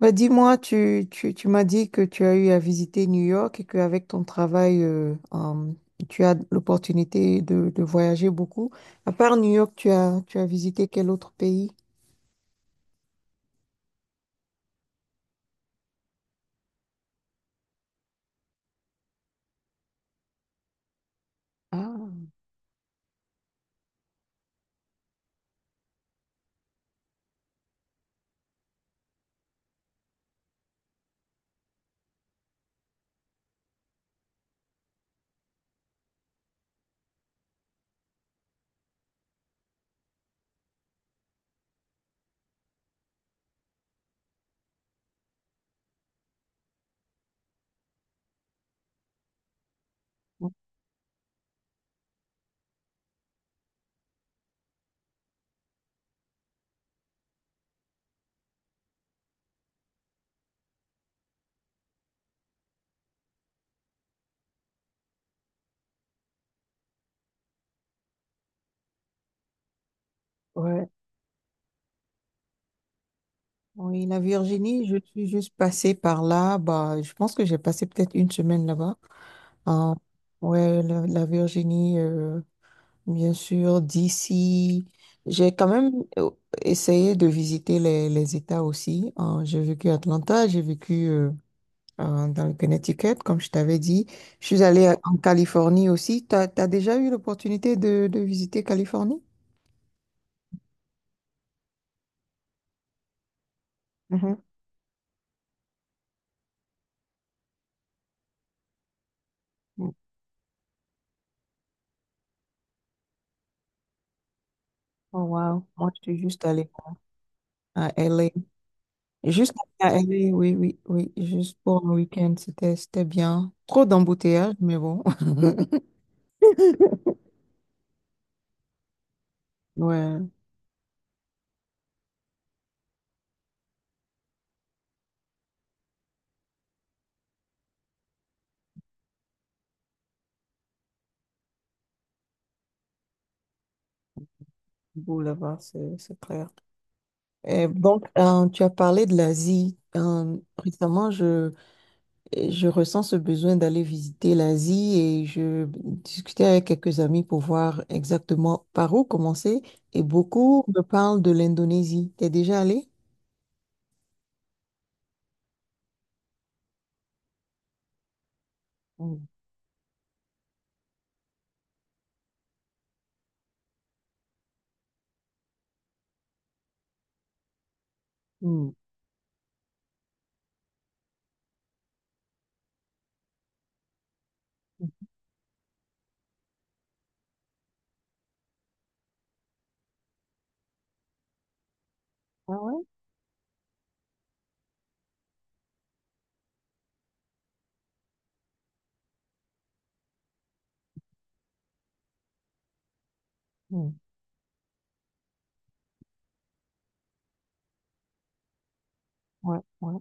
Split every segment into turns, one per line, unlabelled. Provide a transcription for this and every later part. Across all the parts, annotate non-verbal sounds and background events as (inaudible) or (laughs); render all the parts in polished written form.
Bah, dis-moi, tu m'as dit que tu as eu à visiter New York et qu'avec ton travail, tu as l'opportunité de voyager beaucoup. À part New York, tu as visité quel autre pays? Ah, ouais. Oui, la Virginie, je suis juste passée par là. Bah, je pense que j'ai passé peut-être une semaine là-bas. Ah, ouais, la Virginie, bien sûr, d'ici. J'ai quand même euh, essayé de visiter les États aussi. Ah, j'ai vécu à Atlanta, j'ai vécu dans le Connecticut, comme je t'avais dit. Je suis allée en Californie aussi. Tu as déjà eu l'opportunité de visiter Californie? Mhm. Oh, wow. Moi, je suis juste allée à LA. Juste à LA, oui, oui, oui, juste pour le week-end, c'était bien. Trop d'embouteillages, mais bon. (laughs) Ouais, beau là-bas, c'est clair. Et donc, tu as parlé de l'Asie. Récemment, je ressens ce besoin d'aller visiter l'Asie et je discutais avec quelques amis pour voir exactement par où commencer. Et beaucoup me parlent de l'Indonésie. T'es déjà allé? Mm. Mm. Ah ouais? Mm. Ouais, ouais.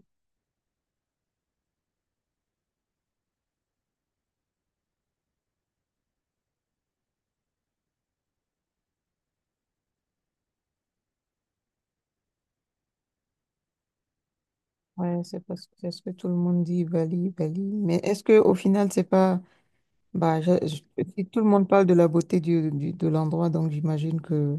Ouais, c'est parce que c'est ce que tout le monde dit, Bali, Bali. Mais est-ce que au final, c'est pas, bah, si tout le monde parle de la beauté du, de l'endroit, donc j'imagine que.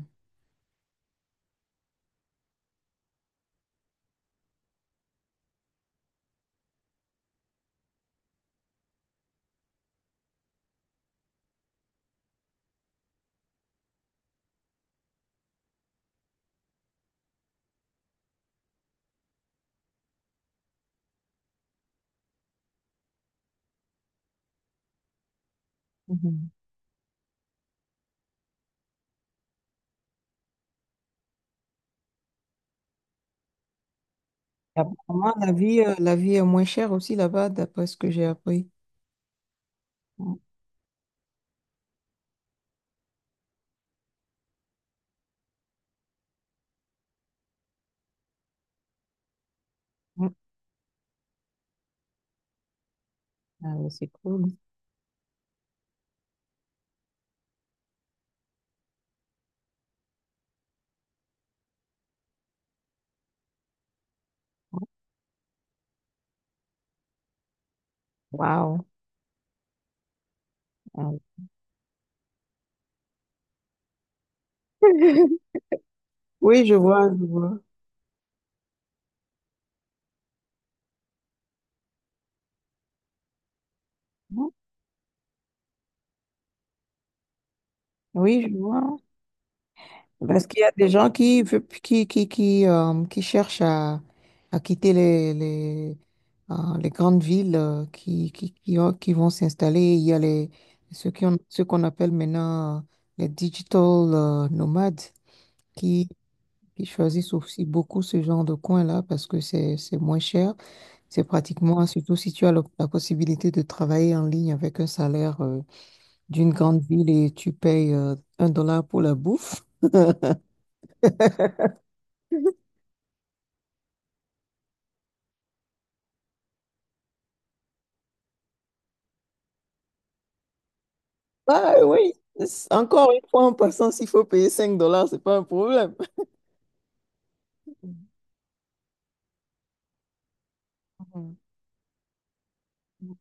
Mhm. Apparemment, la vie est moins chère aussi là-bas, d'après ce que j'ai appris. Mhm. Ah, mais c'est cool. Waouh. Ah, ouais. (laughs) Oui, je vois, je vois. Oui, je vois. Parce qu'il y a des gens qui, veut- qui cherchent à quitter les grandes villes qui vont s'installer. Il y a les, ceux qui ont, ceux qu'on appelle maintenant les digital nomades qui, qui choisissent aussi beaucoup ce genre de coin-là parce que c'est moins cher. C'est pratiquement, surtout si tu as la possibilité de travailler en ligne avec un salaire d'une grande ville et tu payes $1 pour la bouffe. Ah oui, encore une fois, en passant, s'il faut payer $5, c'est pas un problème. (laughs) Mhm. Mhm, mhm.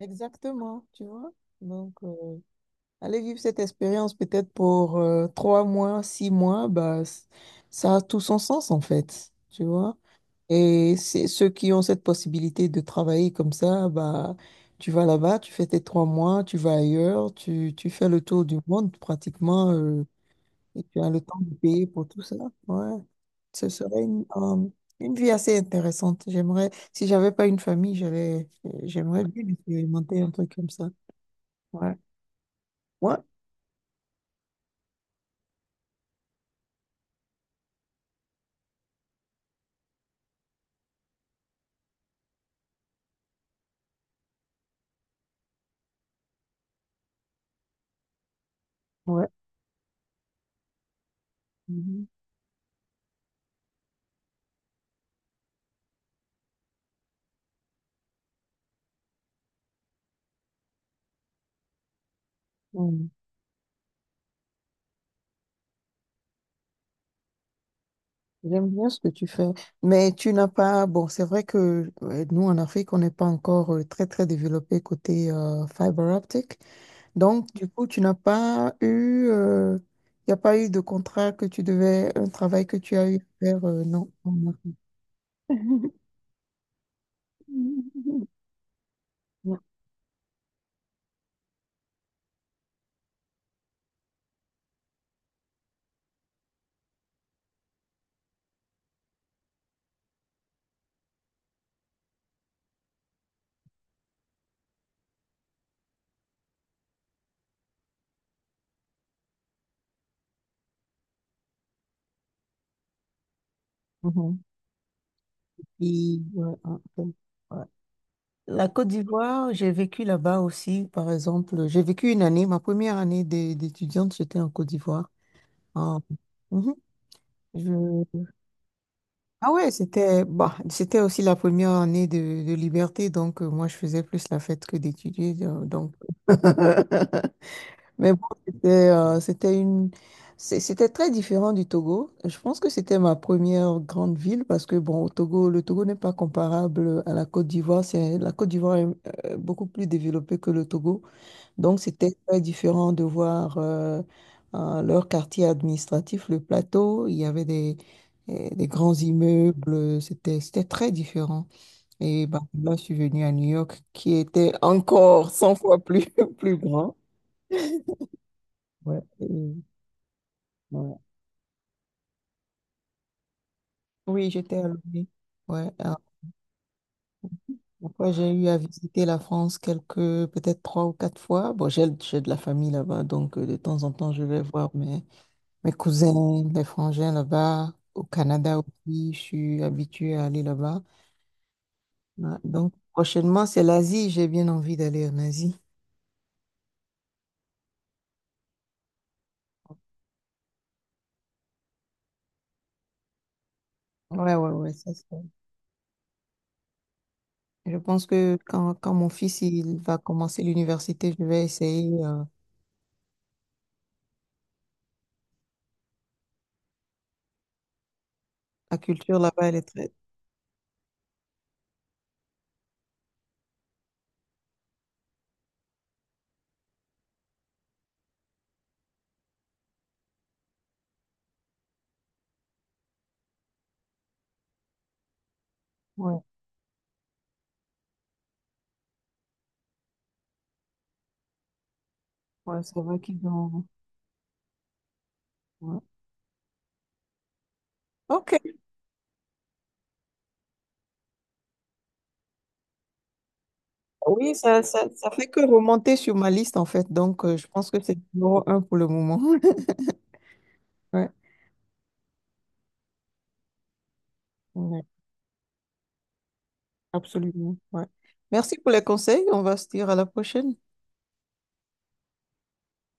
Exactement, tu vois. Donc, aller vivre cette expérience peut-être pour 3 mois, 6 mois, bah, ça a tout son sens en fait, tu vois. Et c'est ceux qui ont cette possibilité de travailler comme ça, bah, tu vas là-bas, tu fais tes 3 mois, tu vas ailleurs, tu fais le tour du monde pratiquement. Et tu as le temps de payer pour tout ça. Ouais. Ce serait une vie assez intéressante. J'aimerais, si j'avais pas une famille, j'aimerais bien expérimenter un truc comme ça. Ouais. Ouais. Ouais. Mhm. Ouais. J'aime bien ce que tu fais, mais tu n'as pas, bon, c'est vrai que nous en Afrique, on n'est pas encore très très développé côté fibre optique. Donc, du coup, tu n'as pas eu, il n'y a pas eu de contrat que tu devais, un travail que tu as eu à faire, non, en Afrique. (laughs) Non. Mhm. Puis, ouais, ah, ok. Ouais. La Côte d'Ivoire, j'ai vécu là-bas aussi, par exemple. J'ai vécu une année, ma première année d'étudiante, j'étais en Côte d'Ivoire. Ah, mhm. Ah ouais, c'était aussi la première année de liberté, donc moi je faisais plus la fête que d'étudier. Donc, (laughs) mais bon, c'était très différent du Togo. Je pense que c'était ma première grande ville parce que bon, au Togo, le Togo n'est pas comparable à la Côte d'Ivoire. C'est la Côte d'Ivoire est beaucoup plus développée que le Togo. Donc, c'était très différent de voir leur quartier administratif, le plateau. Il y avait des grands immeubles. C'était très différent. Et ben, là, je suis venue à New York, qui était encore 100 fois plus, (laughs) plus grand. Ouais, et voilà. Oui, j'étais à Lomé. Ouais, après, j'ai eu à visiter la France peut-être 3 ou 4 fois. Bon, j'ai de la famille là-bas, donc de temps en temps, je vais voir, mais mes cousins, les frangins là-bas, au Canada aussi, je suis habituée à aller là-bas. Ouais, donc, prochainement, c'est l'Asie. J'ai bien envie d'aller en Asie. Ouais, ouais, ouais, ça c'est. Je pense que quand mon fils il va commencer l'université, je vais essayer. La culture là-bas, elle est très. Ouais, ouais, c'est vrai qu'ils ont. Ouais. Ok. Oui, ça fait que remonter sur ma liste en fait. Donc, je pense que c'est numéro 1 pour le moment. (laughs) Ouais. Absolument. Ouais. Merci pour les conseils. On va se dire à la prochaine.